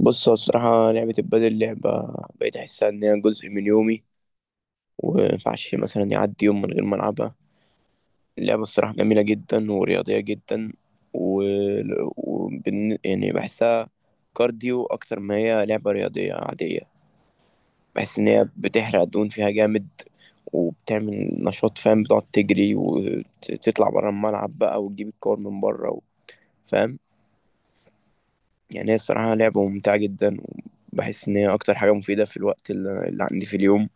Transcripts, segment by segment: بص، هو الصراحة لعبة البادل، لعبة بقيت أحسها إن هي جزء من يومي، ومينفعش مثلا يعدي يوم من غير ما ألعبها. اللعبة الصراحة جميلة جدا ورياضية جدا، و... يعني بحسها كارديو أكتر ما هي لعبة رياضية عادية. بحس إن هي بتحرق الدهون فيها جامد، وبتعمل نشاط. فاهم؟ بتقعد تجري وتطلع برا الملعب بقى، وتجيب الكور من بره فاهم؟ يعني هي الصراحة لعبة ممتعة جدا، وبحس إن هي أكتر حاجة مفيدة في الوقت اللي عندي في اليوم.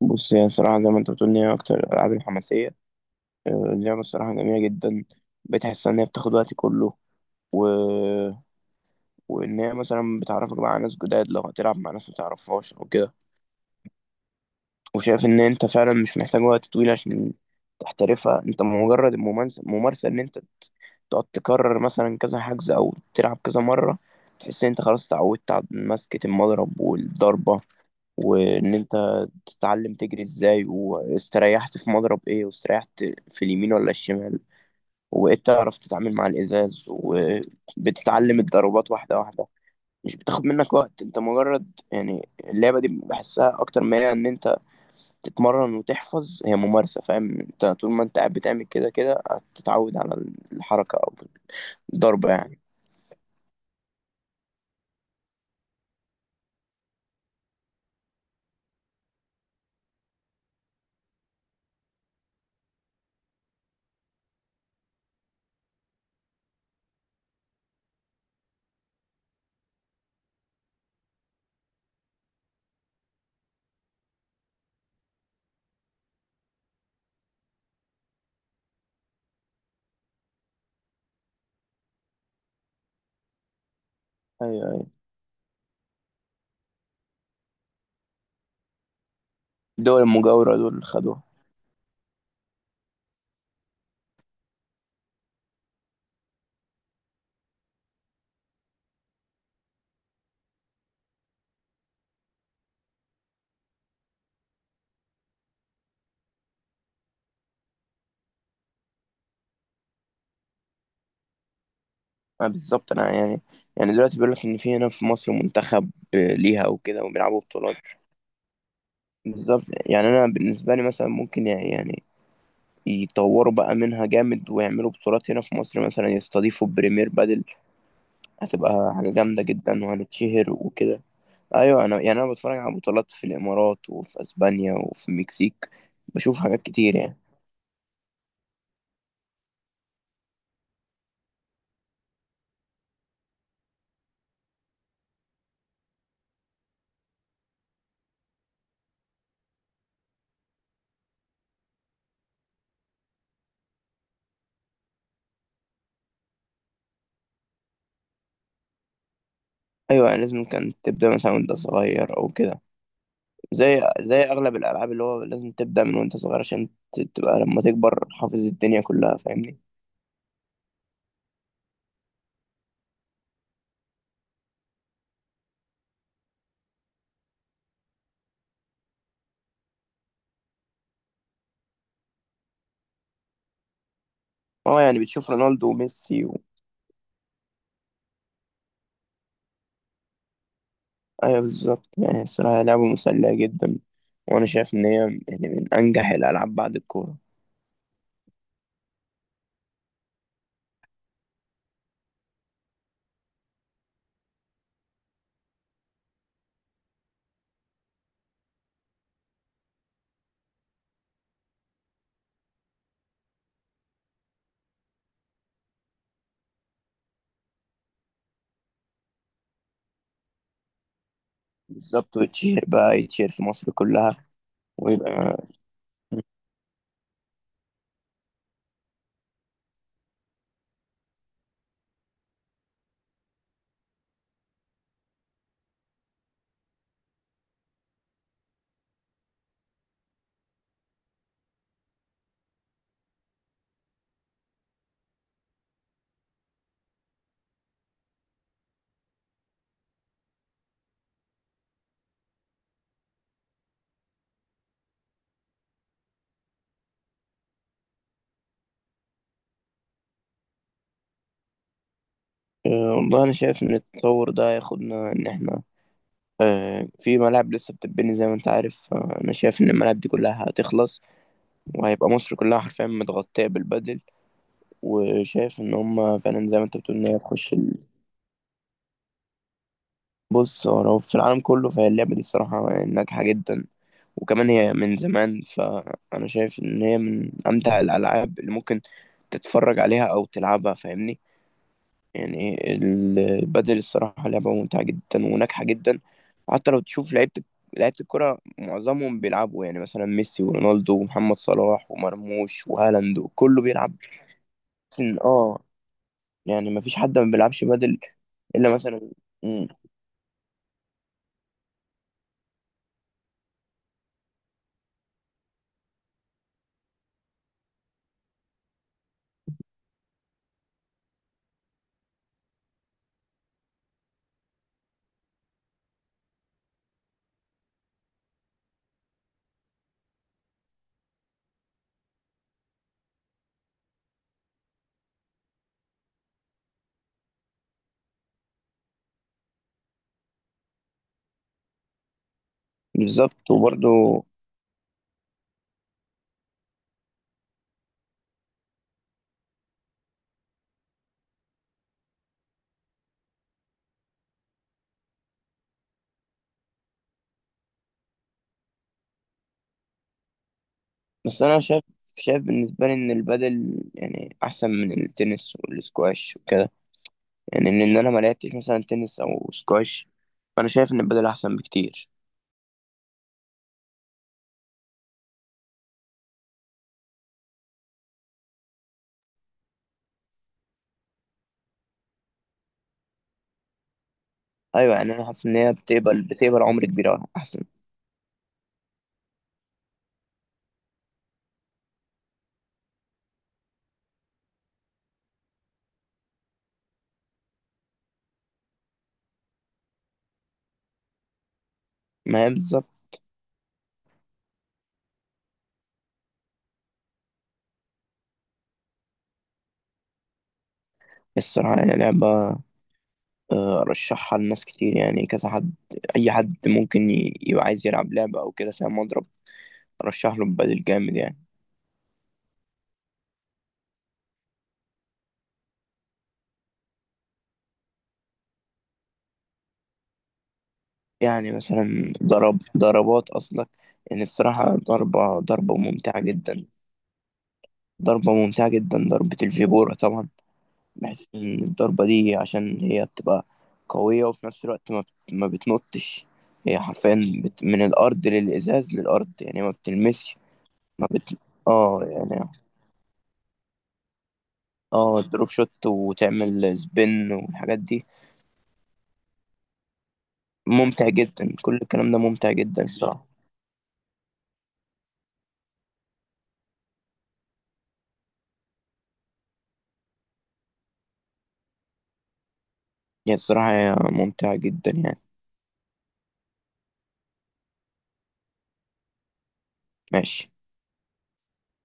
بص، هي الصراحة زي ما انت بتقول، ان هي أكتر الألعاب الحماسية. اللعبة الصراحة جميلة جدا. بتحس إن هي بتاخد وقت كله، و... وإن هي مثلا بتعرفك بقى على ناس جداد، لو هتلعب مع ناس متعرفهاش أو كده. وشايف إن أنت فعلا مش محتاج وقت طويل عشان تحترفها، أنت مجرد الممارسة، ممارسة إن أنت تقعد تكرر مثلا كذا حجز، أو تلعب كذا مرة، تحس إن أنت خلاص اتعودت على مسكة المضرب والضربة، وان انت تتعلم تجري ازاي، واستريحت في مضرب ايه، واستريحت في اليمين ولا الشمال. وبقيت تعرف تتعامل مع الازاز، وبتتعلم الضربات واحده واحده، مش بتاخد منك وقت، انت مجرد يعني اللعبه دي بحسها اكتر ما هي ان انت تتمرن وتحفظ، هي ممارسه. فاهم؟ انت طول ما انت قاعد بتعمل كده كده هتتعود على الحركه او الضربه يعني. ايوه، ايوه. الدول المجاوره دول خدوها. ما بالظبط. انا يعني دلوقتي بيقول لك ان في هنا في مصر منتخب ليها وكده، وبيلعبوا بطولات. بالظبط، يعني انا بالنسبه لي مثلا ممكن يعني يطوروا بقى منها جامد، ويعملوا بطولات هنا في مصر مثلا، يستضيفوا بريمير بادل، هتبقى حاجه جامده جدا، وهنتشهر وكده. ايوه، انا يعني انا بتفرج على بطولات في الامارات، وفي اسبانيا، وفي المكسيك، بشوف حاجات كتير يعني. ايوه، يعني لازم كانت تبدا مثلا وانت صغير او كده، زي اغلب الالعاب، اللي هو لازم تبدا من وانت صغير، عشان تبقى لما تكبر حافظ الدنيا كلها. فاهمني؟ اه، يعني بتشوف رونالدو وميسي ايوه، بالظبط. يعني الصراحه لعبه مسليه جدا، وانا شايف ان هي يعني من انجح الالعاب بعد الكوره. بالظبط، وتشير بقى، يتشير في مصر كلها، ويبقى والله، انا شايف ان التطور ده ياخدنا ان احنا في ملاعب لسه بتتبني، زي ما انت عارف. انا شايف ان الملاعب دي كلها هتخلص، وهيبقى مصر كلها حرفيا متغطيه بالبدل. وشايف ان هم فعلا زي ما انت بتقول، ان هي تخش بص، هو لو في العالم كله فهي اللعبه دي الصراحه ناجحه جدا. وكمان هي من زمان، فانا شايف ان هي من امتع الالعاب اللي ممكن تتفرج عليها او تلعبها. فاهمني؟ يعني البدل الصراحه لعبه ممتعه جدا وناجحه جدا. حتى لو تشوف لعيبه الكره معظمهم بيلعبوا، يعني مثلا ميسي ورونالدو ومحمد صلاح ومرموش وهالاند كله بيلعب. بس يعني ما فيش حد ما بيلعبش بدل الا مثلا. مم. بالظبط، وبرضه، بس انا شايف بالنسبه لي ان البدل يعني احسن من التنس والسكواش وكده، يعني إن انا ما لعبتش مثلا تنس او سكواش، فانا شايف ان البدل احسن بكتير. ايوه، يعني انا حاسس ان هي بتقبل عمر كبير أوي احسن. ما هي بالظبط. الصراحه يعني لعبه، ارشحها لناس كتير، يعني كذا حد، اي حد ممكن يبقى عايز يلعب لعبه او كده فيها مضرب، ارشح له البدل جامد يعني. يعني مثلا ضرب ضربات أصلك، يعني الصراحة، ضربة ممتعة جدا، ضربة ممتعة جدا، ضربة الفيبورا طبعا. بحس إن الضربة دي عشان هي بتبقى قوية، وفي نفس الوقت ما بتنطش. هي حرفيا من الأرض للإزاز للأرض، يعني ما بتلمسش. ما بت اه يعني اه دروب شوت، وتعمل سبين والحاجات دي. ممتع جدا، كل الكلام ده ممتع جدا الصراحة. هي الصراحة هي ممتعة جدا يعني. ماشي.